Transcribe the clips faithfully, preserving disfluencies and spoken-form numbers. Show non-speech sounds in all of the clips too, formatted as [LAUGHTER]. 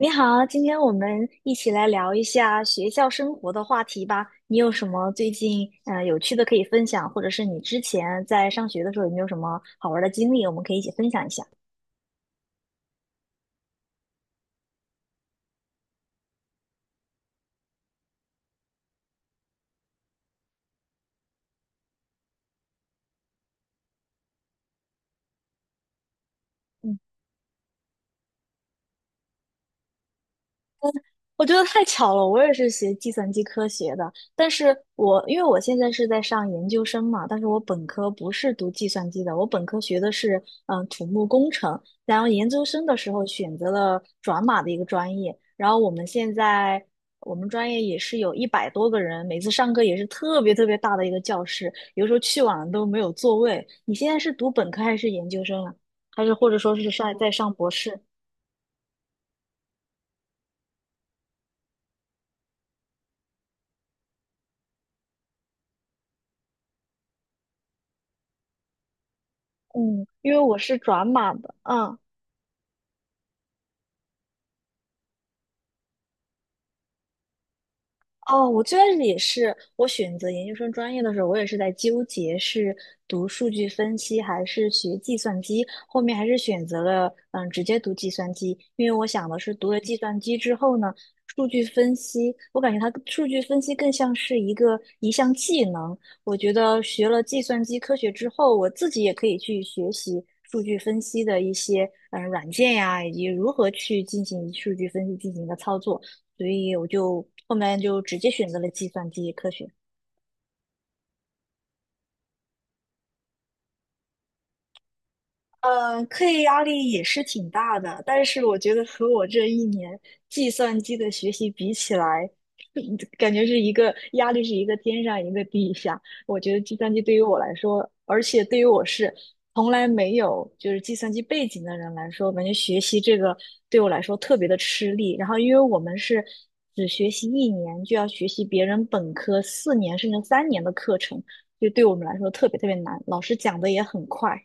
你好，今天我们一起来聊一下学校生活的话题吧。你有什么最近呃有趣的可以分享，或者是你之前在上学的时候有没有什么好玩的经历，我们可以一起分享一下。嗯。我觉得太巧了，我也是学计算机科学的，但是我因为我现在是在上研究生嘛，但是我本科不是读计算机的，我本科学的是嗯呃土木工程，然后研究生的时候选择了转码的一个专业，然后我们现在我们专业也是有一百多个人，每次上课也是特别特别大的一个教室，有时候去晚了都没有座位。你现在是读本科还是研究生啊？还是或者说是上在上博士？嗯，因为我是转码的，嗯。哦，我最开始也是，我选择研究生专业的时候，我也是在纠结是读数据分析还是学计算机，后面还是选择了嗯直接读计算机，因为我想的是读了计算机之后呢，数据分析，我感觉它数据分析更像是一个一项技能，我觉得学了计算机科学之后，我自己也可以去学习。数据分析的一些嗯软件呀，以及如何去进行数据分析进行一个操作。所以我就后面就直接选择了计算机科学。呃，课业压力也是挺大的，但是我觉得和我这一年计算机的学习比起来，嗯感觉是一个压力是一个天上一个地下。我觉得计算机对于我来说，而且对于我是从来没有就是计算机背景的人来说，感觉学习这个对我来说特别的吃力。然后因为我们是只学习一年，就要学习别人本科四年甚至三年的课程，就对我们来说特别特别难，老师讲的也很快。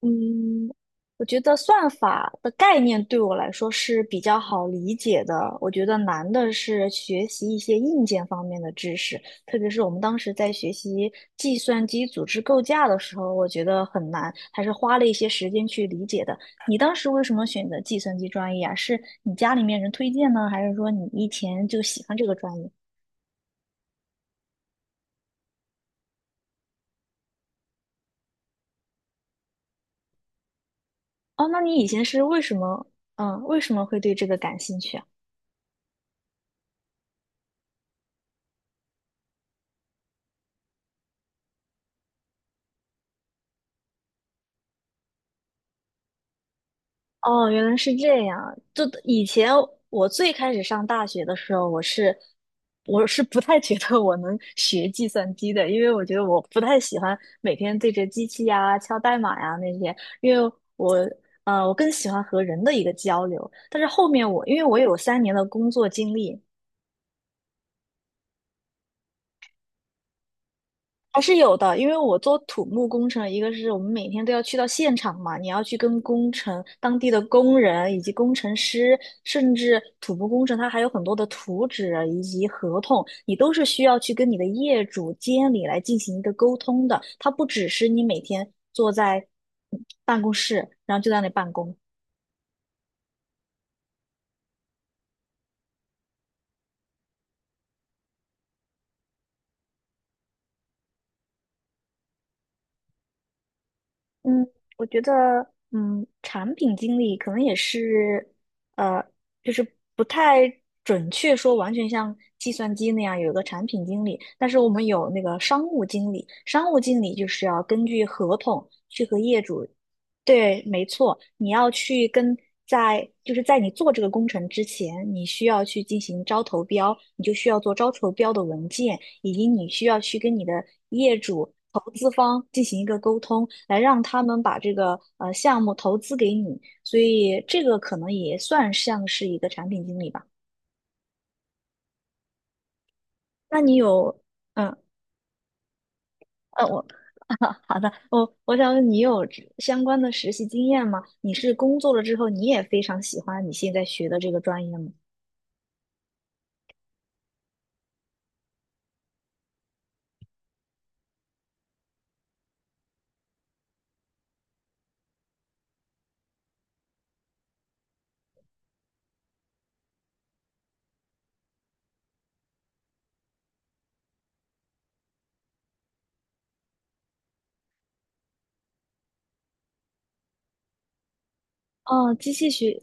嗯，我觉得算法的概念对我来说是比较好理解的。我觉得难的是学习一些硬件方面的知识，特别是我们当时在学习计算机组织构架的时候，我觉得很难，还是花了一些时间去理解的。你当时为什么选择计算机专业啊？是你家里面人推荐呢，还是说你以前就喜欢这个专业？哦，那你以前是为什么，嗯，为什么会对这个感兴趣啊？哦，原来是这样。就以前我最开始上大学的时候，我是我是不太觉得我能学计算机的，因为我觉得我不太喜欢每天对着机器呀、敲代码呀那些，因为我呃我更喜欢和人的一个交流。但是后面我因为我有三年的工作经历，还是有的，因为我做土木工程，一个是我们每天都要去到现场嘛，你要去跟工程、当地的工人以及工程师，甚至土木工程，它还有很多的图纸啊以及合同，你都是需要去跟你的业主、监理来进行一个沟通的。它不只是你每天坐在办公室，然后就在那里办公。嗯，我觉得，嗯，产品经理可能也是，呃，就是不太准确说完全像计算机那样有一个产品经理，但是我们有那个商务经理，商务经理就是要根据合同去和业主。对，没错，你要去跟在就是在你做这个工程之前，你需要去进行招投标，你就需要做招投标的文件，以及你需要去跟你的业主、投资方进行一个沟通，来让他们把这个呃项目投资给你。所以这个可能也算像是一个产品经理吧。那你有嗯呃，我 [LAUGHS] 好的，我我想问你有这相关的实习经验吗？你是工作了之后，你也非常喜欢你现在学的这个专业吗？哦，机器学，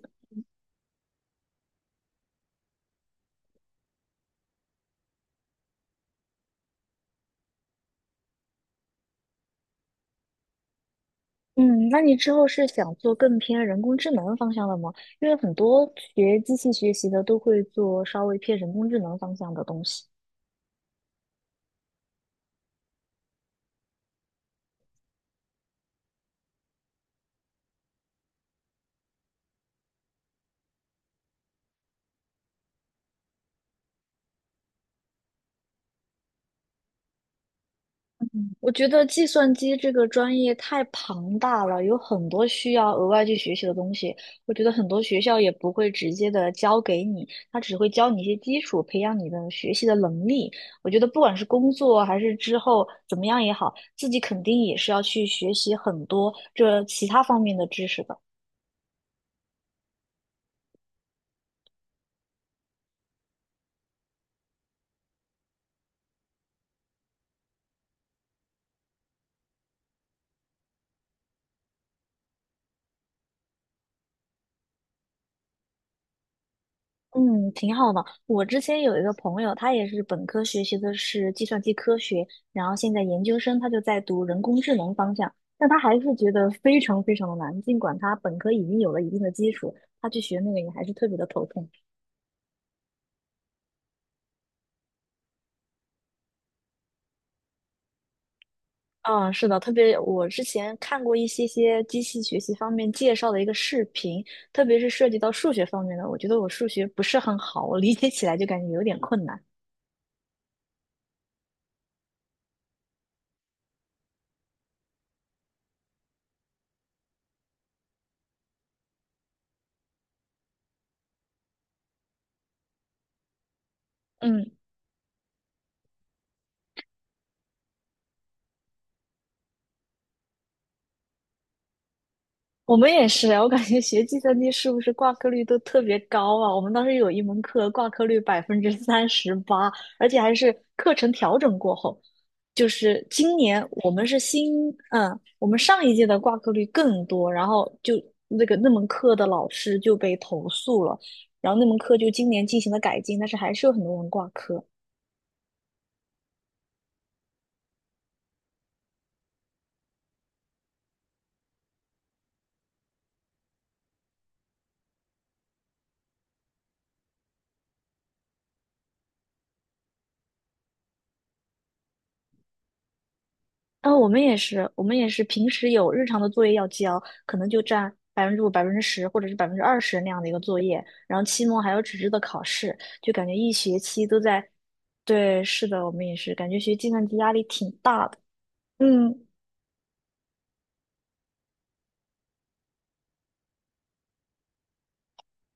嗯，那你之后是想做更偏人工智能方向的吗？因为很多学机器学习的都会做稍微偏人工智能方向的东西。我觉得计算机这个专业太庞大了，有很多需要额外去学习的东西。我觉得很多学校也不会直接的教给你，他只会教你一些基础，培养你的学习的能力。我觉得不管是工作还是之后怎么样也好，自己肯定也是要去学习很多这其他方面的知识的。嗯，挺好的。我之前有一个朋友，他也是本科学习的是计算机科学，然后现在研究生他就在读人工智能方向，但他还是觉得非常非常的难。尽管他本科已经有了一定的基础，他去学那个也还是特别的头痛。嗯，是的，特别我之前看过一些些机器学习方面介绍的一个视频，特别是涉及到数学方面的，我觉得我数学不是很好，我理解起来就感觉有点困难。嗯。我们也是啊，我感觉学计算机是不是挂科率都特别高啊？我们当时有一门课挂科率百分之三十八，而且还是课程调整过后，就是今年我们是新，嗯，我们上一届的挂科率更多，然后就那个那门课的老师就被投诉了，然后那门课就今年进行了改进，但是还是有很多人挂科。啊、我们也是，我们也是平时有日常的作业要交，可能就占百分之五、百分之十或者是百分之二十那样的一个作业，然后期末还有纸质的考试，就感觉一学期都在。对，是的，我们也是，感觉学计算机压力挺大的。嗯，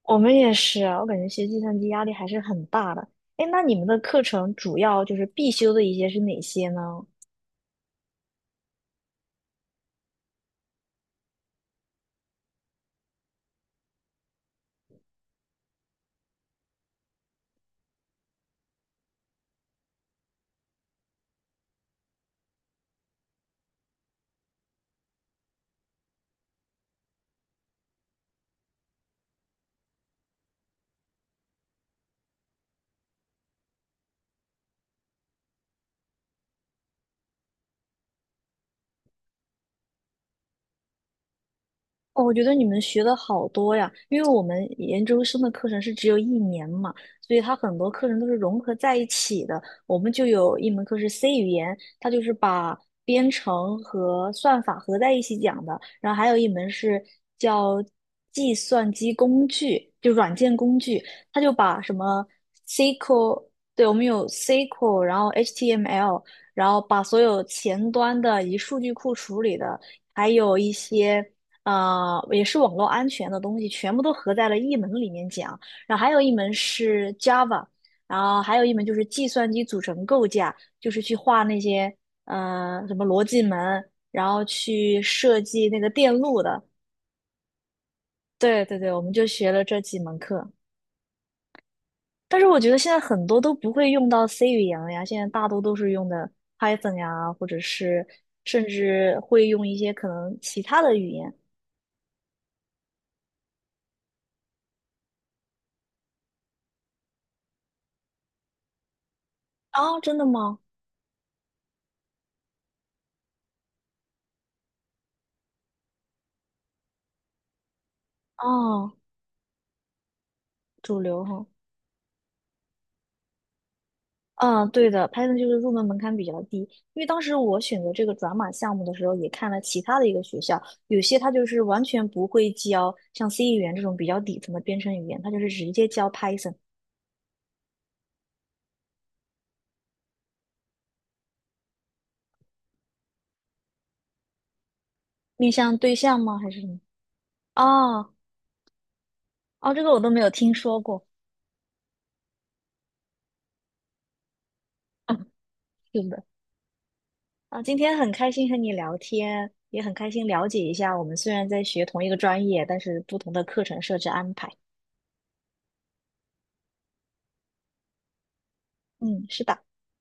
我们也是啊，我感觉学计算机压力还是很大的。哎，那你们的课程主要就是必修的一些是哪些呢？哦，我觉得你们学的好多呀，因为我们研究生的课程是只有一年嘛，所以它很多课程都是融合在一起的。我们就有一门课是 C 语言，它就是把编程和算法合在一起讲的，然后还有一门是叫计算机工具，就软件工具，它就把什么 S Q L，对，我们有 S Q L，然后 H T M L，然后把所有前端的以数据库处理的。还有一些呃，也是网络安全的东西，全部都合在了一门里面讲。然后还有一门是 Java，然后还有一门就是计算机组成构架，就是去画那些呃什么逻辑门，然后去设计那个电路的。对对对，我们就学了这几门课。但是我觉得现在很多都不会用到 C 语言了呀，现在大多都是用的 Python 呀，或者是甚至会用一些可能其他的语言。啊，真的吗？哦，主流哈。嗯，对的，Python 就是入门门槛比较低，因为当时我选择这个转码项目的时候，也看了其他的一个学校，有些它就是完全不会教像 C 语言这种比较底层的编程语言，它就是直接教 Python，面向对象吗？还是什么？哦哦，这个我都没有听说过。[LAUGHS] 是的。啊，今天很开心和你聊天，也很开心了解一下我们虽然在学同一个专业，但是不同的课程设置安排。嗯，是的。